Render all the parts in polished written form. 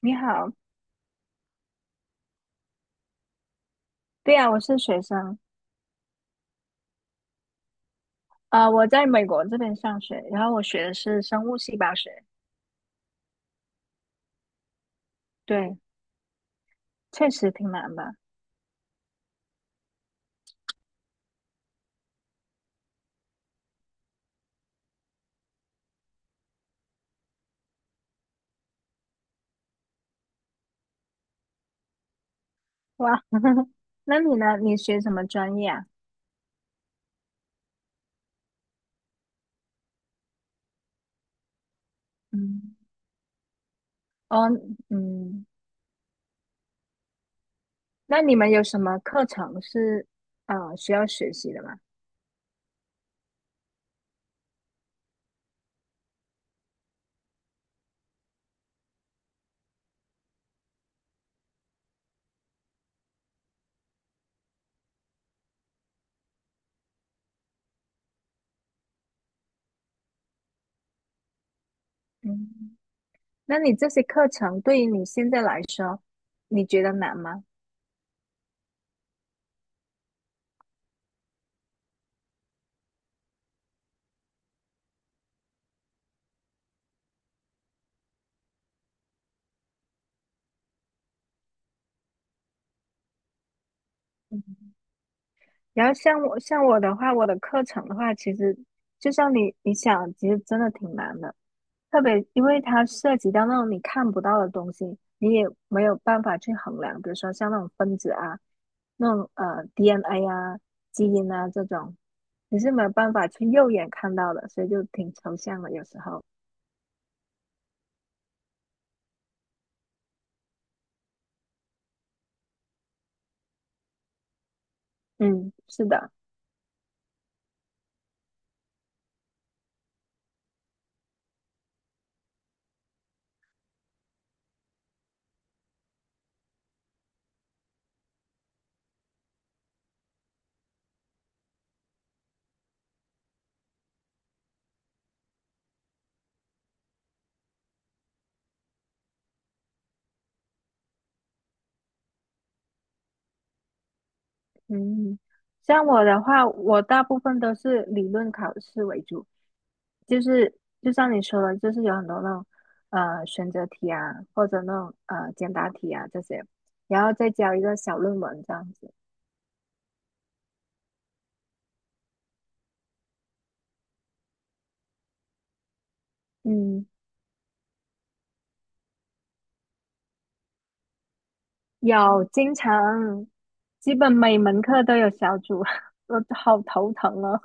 你好。对呀，我是学生。我在美国这边上学，然后我学的是生物细胞学。对，确实挺难的。哇，那你呢？你学什么专业啊？嗯。哦。嗯。那你们有什么课程是需要学习的吗？嗯。那你这些课程对于你现在来说，你觉得难吗？嗯，然后像我的话，我的课程的话，其实就像你想，其实真的挺难的，特别因为它涉及到那种你看不到的东西，你也没有办法去衡量，比如说像那种分子啊，那种DNA 啊、基因啊这种，你是没有办法去肉眼看到的，所以就挺抽象的有时候。嗯，是的。嗯，像我的话，我大部分都是理论考试为主，就是就像你说的，就是有很多那种选择题啊，或者那种简答题啊这些，然后再交一个小论文这样子。嗯，有经常，基本每门课都有小组，我好头疼哦。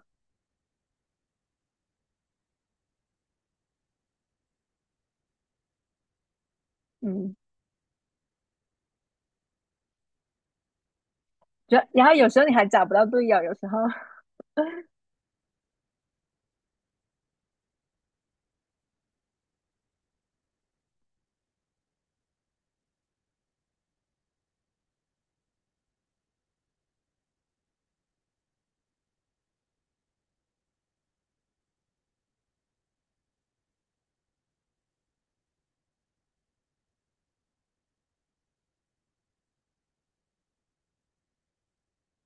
嗯。然后有时候你还找不到队友，有时候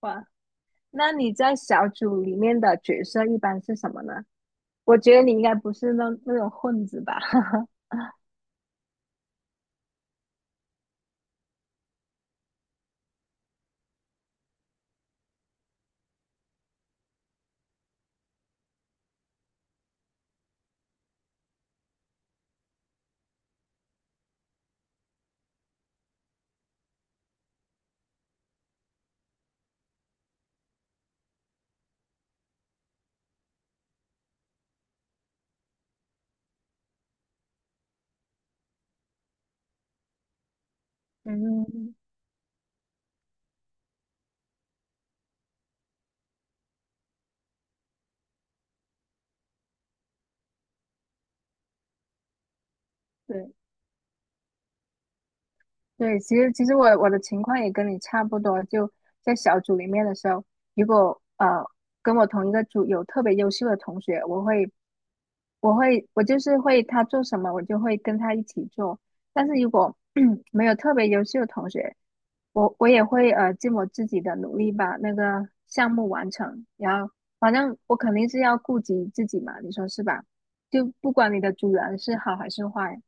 哇，那你在小组里面的角色一般是什么呢？我觉得你应该不是那种混子吧？嗯。对对，其实其实我的情况也跟你差不多，就在小组里面的时候，如果跟我同一个组有特别优秀的同学，我就是会他做什么，我就会跟他一起做。但是如果 没有特别优秀的同学，我也会尽我自己的努力把那个项目完成，然后反正我肯定是要顾及自己嘛，你说是吧？就不管你的主人是好还是坏。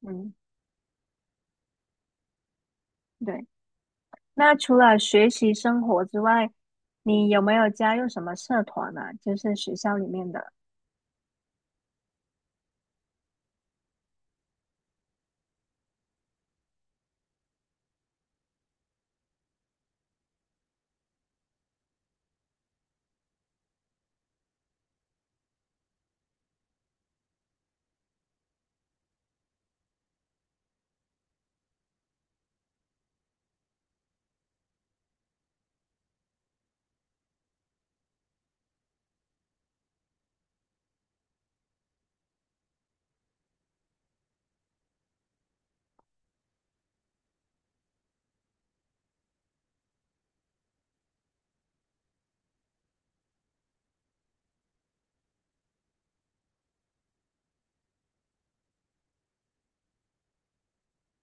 嗯，对。那除了学习生活之外，你有没有加入什么社团呢？就是学校里面的。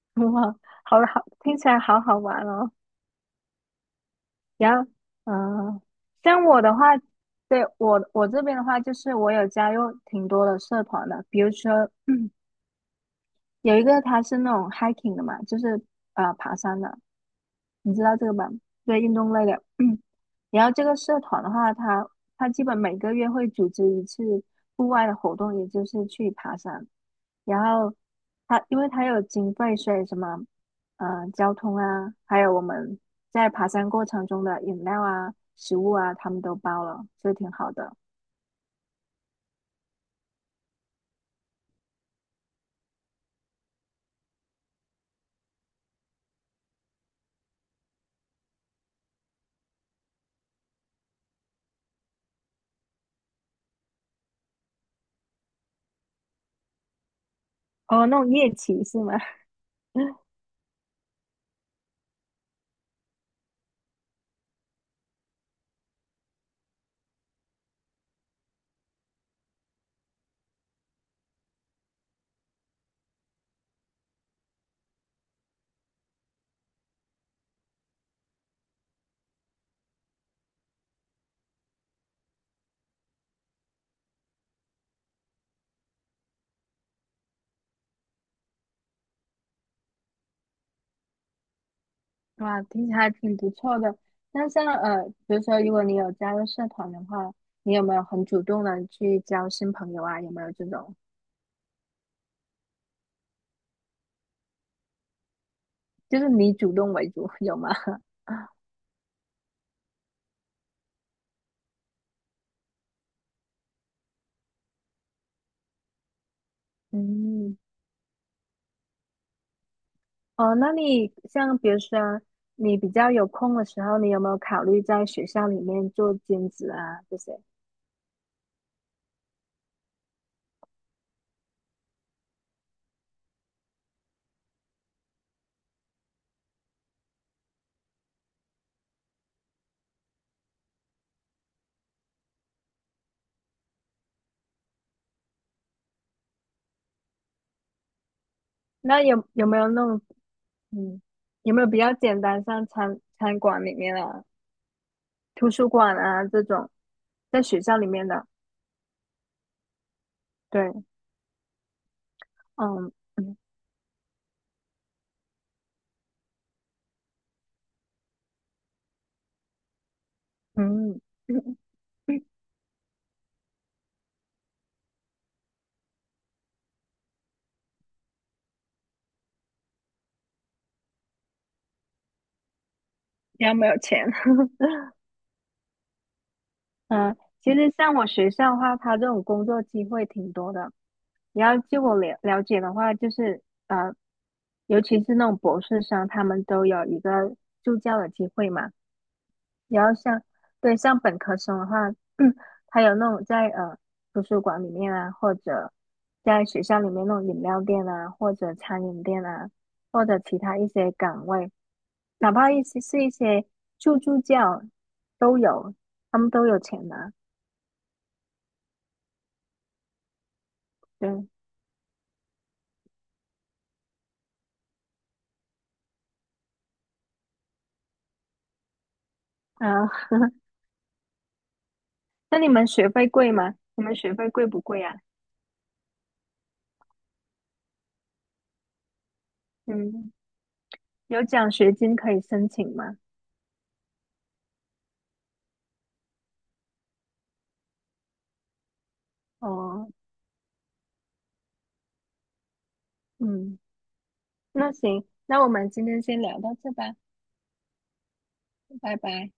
哇，好好，听起来好好玩哦。然后，嗯、像我的话，对，我这边的话，就是我有加入挺多的社团的，比如说 有一个他是那种 hiking 的嘛，就是爬山的，你知道这个吧？对，运动类的。然后这个社团的话，他基本每个月会组织一次户外的活动，也就是去爬山。然后他因为他有经费，所以什么交通啊，还有我们在爬山过程中的饮料啊、食物啊，他们都包了，所以挺好的。哦，那种夜骑是吗？哇，听起来还挺不错的。那像，比如说，如果你有加入社团的话，你有没有很主动的去交新朋友啊？有没有这种，就是你主动为主，有吗？嗯。哦，那你像比如说你比较有空的时候，你有没有考虑在学校里面做兼职啊这些？那有没有那种，嗯，有没有比较简单，像餐馆里面啊、图书馆啊这种，在学校里面的？对，嗯。嗯。嗯。你要没有钱？嗯，其实像我学校的话，它这种工作机会挺多的。你要据我了解的话，就是呃，尤其是那种博士生，他们都有一个助教的机会嘛。然后像对像本科生的话，他有那种在图书馆里面啊，或者在学校里面那种饮料店啊，或者餐饮店啊，或者其他一些岗位，哪怕一些是一些助教都有，他们都有钱拿。对啊，那你们学费贵吗？你们学费贵不贵啊？嗯，有奖学金可以申请吗？哦，嗯。那行，那我们今天先聊到这吧。拜拜。